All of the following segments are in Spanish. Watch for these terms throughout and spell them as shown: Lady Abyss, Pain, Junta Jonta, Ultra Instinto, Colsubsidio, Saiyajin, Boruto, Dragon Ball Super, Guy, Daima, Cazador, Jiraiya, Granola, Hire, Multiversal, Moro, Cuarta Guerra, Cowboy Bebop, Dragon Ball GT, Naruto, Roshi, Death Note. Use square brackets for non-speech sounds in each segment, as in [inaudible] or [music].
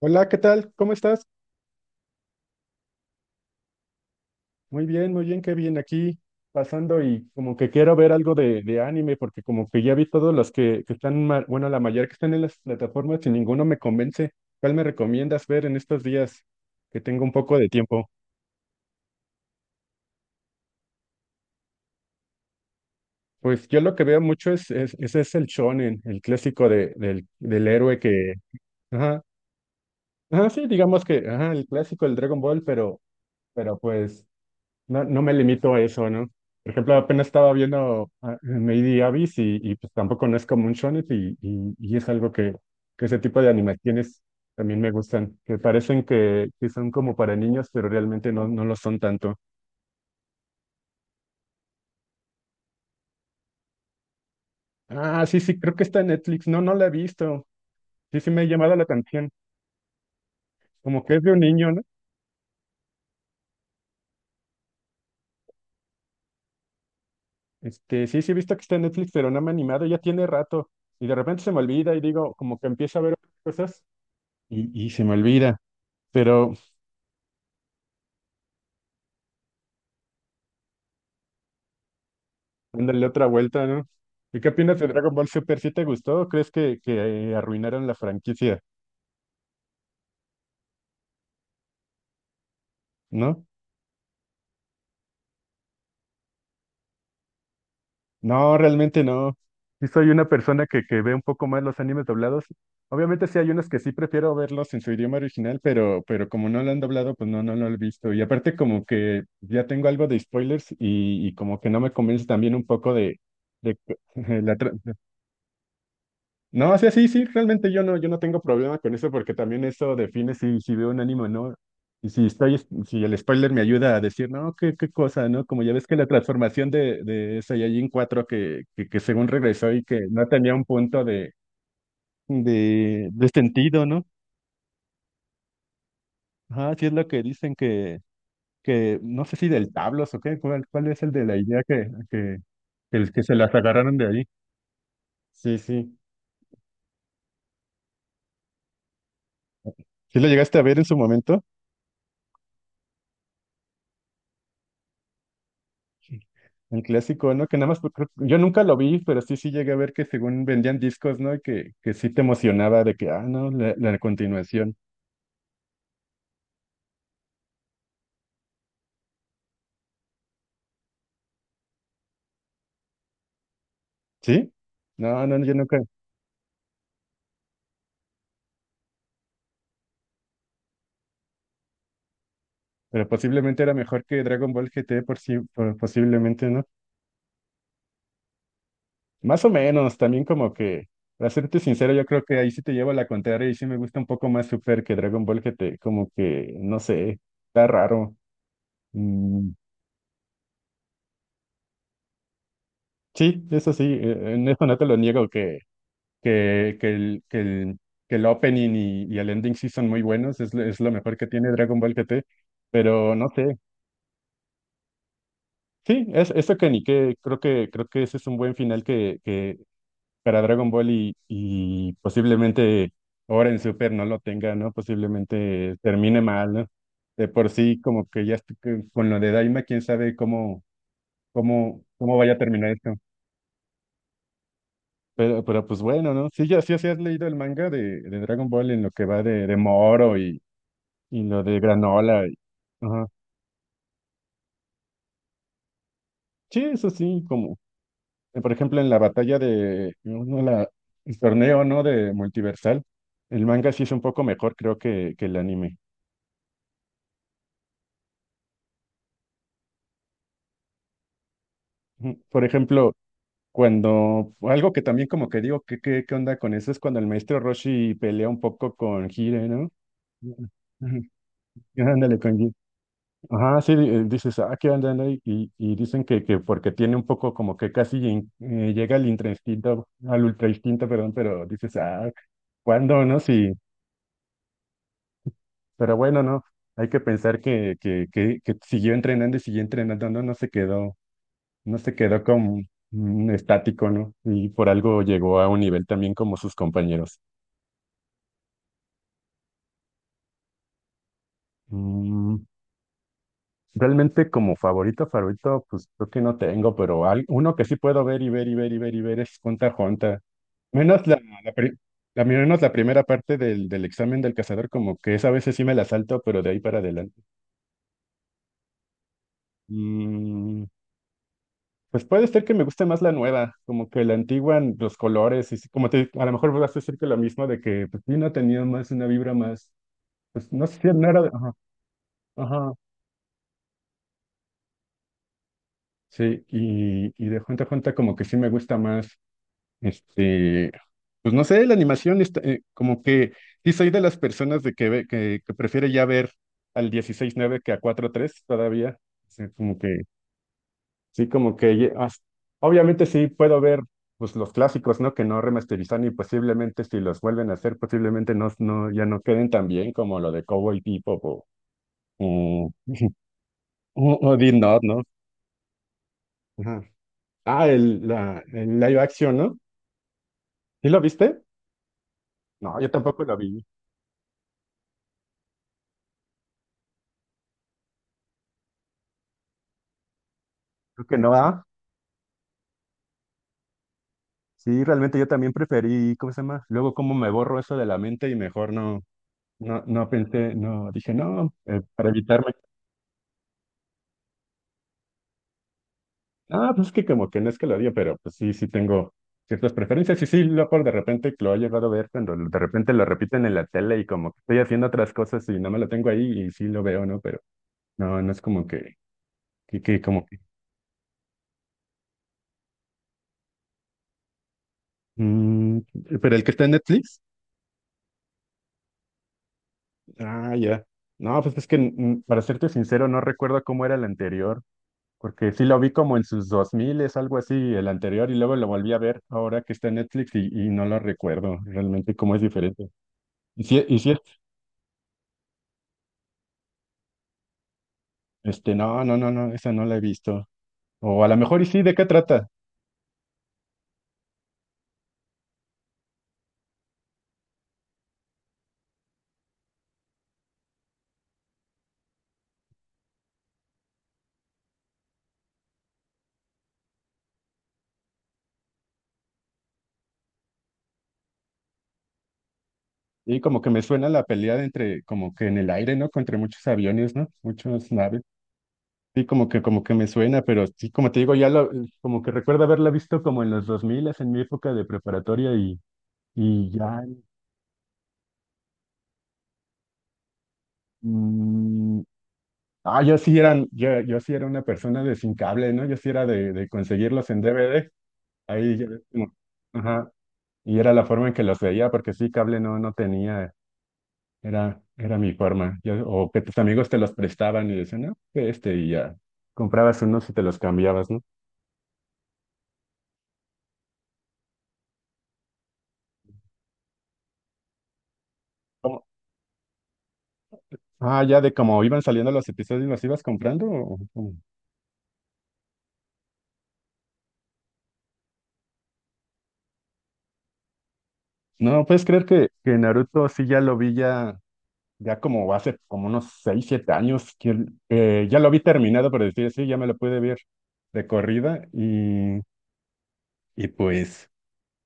Hola, ¿qué tal? ¿Cómo estás? Muy bien, qué bien aquí pasando y como que quiero ver algo de anime porque como que ya vi todos los que están, bueno, la mayoría que están en las plataformas y ninguno me convence. ¿Cuál me recomiendas ver en estos días que tengo un poco de tiempo? Pues yo lo que veo mucho ese es el shonen, el clásico del héroe que, ajá, ajá, sí, digamos que el clásico, el Dragon Ball, pero, pero pues, no, no me limito a eso, ¿no? Por ejemplo, apenas estaba viendo Lady Abyss y pues tampoco no es como un shonen y es algo que ese tipo de animaciones también me gustan, que parecen que son como para niños, pero realmente no, no lo son tanto. Ah, sí, sí, creo que está en Netflix. No, no la he visto. Sí, sí me ha llamado la atención. Como que es de un niño, ¿no? Este, sí, sí he visto que está en Netflix, pero no me ha animado, ya tiene rato. Y de repente se me olvida y digo, como que empiezo a ver otras cosas y se me olvida. Pero ándale, otra vuelta, ¿no? ¿Y qué opinas de Dragon Ball Super? ¿Sí te gustó o crees que arruinaron la franquicia? ¿No? No, realmente no. Sí soy una persona que ve un poco más los animes doblados. Obviamente sí hay unos que sí prefiero verlos en su idioma original, pero como no lo han doblado, pues no, no, no lo he visto. Y aparte como que ya tengo algo de spoilers y como que no me convence también un poco de [laughs] la trama. No, o sea, sí, sí, realmente yo no, yo no tengo problema con eso porque también eso define si, si veo un anime o no. Y si estoy, si el spoiler me ayuda a decir, no, qué cosa, ¿no? Como ya ves que la transformación de Saiyajin 4 que según regresó y que no tenía un punto de sentido, ¿no? Ajá, sí es lo que dicen que no sé si del tablos o qué, cuál es el de la idea que se las agarraron de ahí. Sí, sí. ¿Sí lo llegaste a ver en su momento? El clásico, ¿no? Que nada más, yo nunca lo vi, pero sí, sí llegué a ver que según vendían discos, ¿no? Y que sí te emocionaba de que, ah, no, la continuación. ¿Sí? No, no, yo nunca. Pero posiblemente era mejor que Dragon Ball GT, posiblemente, ¿no? Más o menos, también como que, para serte sincero, yo creo que ahí sí te llevo la contraria y sí me gusta un poco más Super que Dragon Ball GT, como que, no sé, está raro. Mm, sí, eso sí, en eso no te lo niego, que, que el, que el, que el opening y el ending sí son muy buenos, es lo mejor que tiene Dragon Ball GT, pero no sé. Sí, es eso que ni que creo que creo que ese es un buen final que para Dragon Ball y posiblemente ahora en Super no lo tenga, ¿no? Posiblemente termine mal, ¿no? De por sí, como que ya estoy con lo de Daima, quién sabe cómo vaya a terminar esto. Pero pues bueno, ¿no? Sí, ya sí, sí has leído el manga de Dragon Ball en lo que va de Moro. Y lo de granola. Y- Ajá. Sí, eso sí, como, por ejemplo, en la batalla de, no, no, la, el torneo, ¿no? De Multiversal, el manga sí es un poco mejor, creo, que el anime. Ujú. Por ejemplo, cuando, algo que también como que digo, qué onda con eso? Es cuando el maestro Roshi pelea un poco con Hire, ¿no? Ujú. Ujú. Ándale, con Hire. Ajá, sí, dices, ah, ¿qué onda? No?" Y dicen que porque tiene un poco como que casi llega al intra instinto, al ultra instinto, perdón, pero dices, ah, ¿cuándo, no? Sí, pero bueno, no. Hay que pensar que siguió entrenando y siguió entrenando, no, no se quedó, no se quedó como mm, estático, ¿no? Y por algo llegó a un nivel también como sus compañeros. Mm, realmente como favorito, favorito, pues creo que no tengo, pero uno que sí puedo ver y ver y ver y ver y ver es Junta Jonta. Menos la, pri- menos la primera parte del, del examen del cazador, como que esa a veces sí me la salto, pero de ahí para adelante. Mm, pues puede ser que me guste más la nueva, como que la antigua, los colores, y sí, como te, a lo mejor vas a decir que lo mismo de que pues sí, no tenía más una vibra más, pues no sé, no era, ajá, ajá, sí, y de Junta a Junta como que sí me gusta más, este, pues no sé, la animación, está, como que sí soy de las personas de que prefiere ya ver al dieciséis nueve que a cuatro tres todavía, o sea, como que sí, como que obviamente sí puedo ver pues los clásicos, ¿no? Que no remasterizan y posiblemente si los vuelven a hacer, posiblemente no, no, ya no queden tan bien como lo de Cowboy Bebop o, [laughs] o Death Note, ¿no? Ajá. Ah, el live action, ¿no? ¿Sí lo viste? No, yo tampoco lo vi. Creo que no, ah. Sí, realmente yo también preferí, ¿cómo se llama? Luego como me borro eso de la mente y mejor no, no, no pensé, no, dije no, para evitarme. Ah, pues es que como que no es que lo odie, pero pues sí, sí tengo ciertas preferencias. Y sí, loco, de repente lo he llegado a ver cuando de repente lo repiten en la tele y como que estoy haciendo otras cosas y no me lo tengo ahí y sí lo veo, ¿no? Pero no, no es como que como que... mm, pero el que está en Netflix, ah, ya. No, pues es que mm, para serte sincero, no recuerdo cómo era el anterior, porque sí lo vi como en sus 2000 es algo así, el anterior, y luego lo volví a ver ahora que está en Netflix y no lo recuerdo realmente cómo es diferente. Y sí y sí. Este, no, no, no, no, esa no la he visto. O a lo mejor y sí, ¿de qué trata? Y como que me suena la pelea de entre, como que en el aire, ¿no? Contra muchos aviones, ¿no? Muchas naves. Sí, como que me suena, pero sí, como te digo, ya lo, como que recuerdo haberla visto como en los 2000, en mi época de preparatoria y ya, mm, ah, yo sí eran, yo sí era una persona de sin cable, ¿no? Yo sí era de conseguirlos en DVD, ahí, ya ves como, ajá, y era la forma en que los veía, porque sí, cable no, no tenía. Era, era mi forma. O que tus amigos te los prestaban y decían, no, que este, y ya. Comprabas unos y te los cambiabas, ¿no? Como- Ah, ya de cómo iban saliendo los episodios, ¿los ibas comprando? No, puedes creer que Naruto sí ya lo vi ya, ya como hace como unos 6 7 años, que ya lo vi terminado, por decir así, ya me lo pude ver de corrida y pues.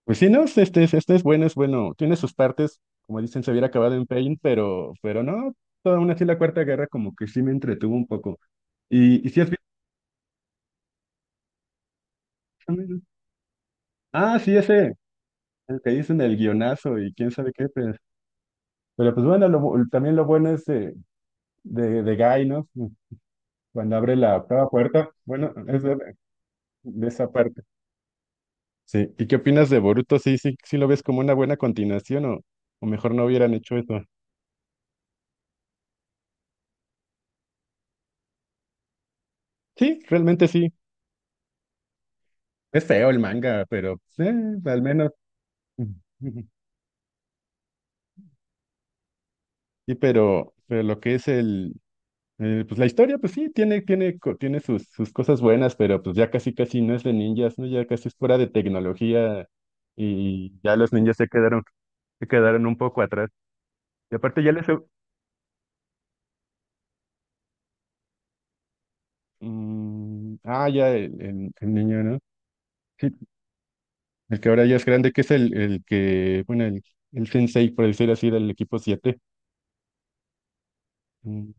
Pues sí, no, este, este es bueno, es bueno. Tiene sus partes, como dicen, se hubiera acabado en Pain, pero no, toda una así la Cuarta Guerra como que sí me entretuvo un poco. Y si has visto también. Ah, sí, ese, el que dicen el guionazo y quién sabe qué, pero pues bueno, también lo bueno es de Guy, ¿no? Cuando abre la octava puerta, bueno, es de esa parte. Sí, ¿y qué opinas de Boruto? Sí, sí, sí lo ves como una buena continuación o mejor no hubieran hecho eso. Sí, realmente sí. Es feo el manga, pero pues, al menos. [laughs] Pero lo que es el, pues la historia, pues sí, tiene sus cosas buenas, pero pues ya casi casi no es de ninjas, ¿no? Ya casi es fuera de tecnología y ya los ninjas se quedaron un poco atrás. Y aparte ya les... mm, ah, ya el niño, ¿no? Sí, el que ahora ya es grande, que es el que, bueno, el sensei, por decir así, del equipo siete. Mm.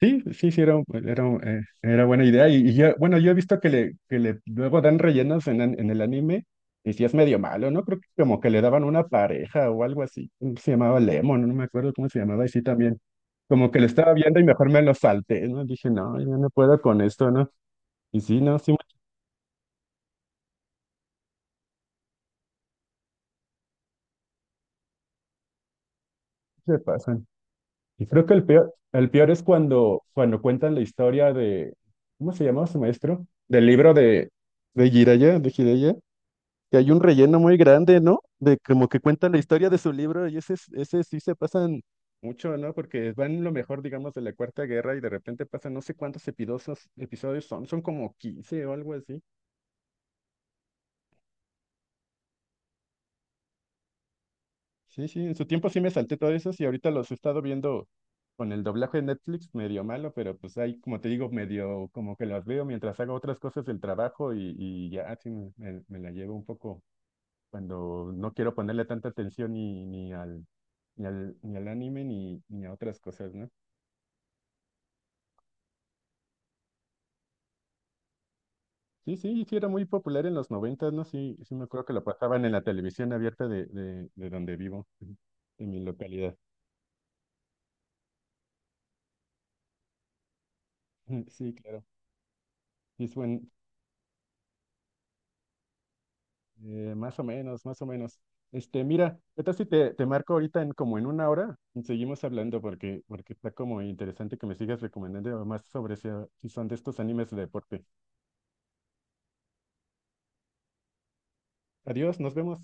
Sí, sí, sí, era, era buena idea. Y bueno, yo he visto que le luego dan rellenos en, en el anime, y sí es medio malo, ¿no? Creo que como que le daban una pareja o algo así. Se llamaba Lemon, no me acuerdo cómo se llamaba, y sí también. Como que lo estaba viendo y mejor me lo salté, ¿no? Dije, no, yo no puedo con esto, ¿no? Y sí, no, sí se pasan. Y creo que el peor es cuando, cuando cuentan la historia de, ¿cómo se llamaba su maestro? Del libro de Jiraiya, de Jiraiya, que hay un relleno muy grande, ¿no? De como que cuenta la historia de su libro y ese, ese sí se pasan mucho, ¿no? Porque van lo mejor, digamos, de la Cuarta Guerra y de repente pasan no sé cuántos episodios son, son como 15 o algo así. Sí, sí, en su tiempo sí me salté todos esos y ahorita los he estado viendo con el doblaje de Netflix, medio malo, pero pues ahí, como te digo, medio como que los veo mientras hago otras cosas del trabajo y ya, así me, me la llevo un poco cuando no quiero ponerle tanta atención ni, ni al, ni al anime ni, ni a otras cosas, ¿no? Sí, sí, sí, era muy popular en los noventas, ¿no? Sí, sí me acuerdo que lo pasaban en la televisión abierta de donde vivo, [laughs] de mi localidad. [laughs] Sí, claro. Sí, es buen, más o menos, más o menos. Este, mira, ¿qué tal si te, te marco ahorita en como en una hora? Y seguimos hablando porque, porque está como interesante que me sigas recomendando más sobre si, si son de estos animes de deporte. Adiós, nos vemos.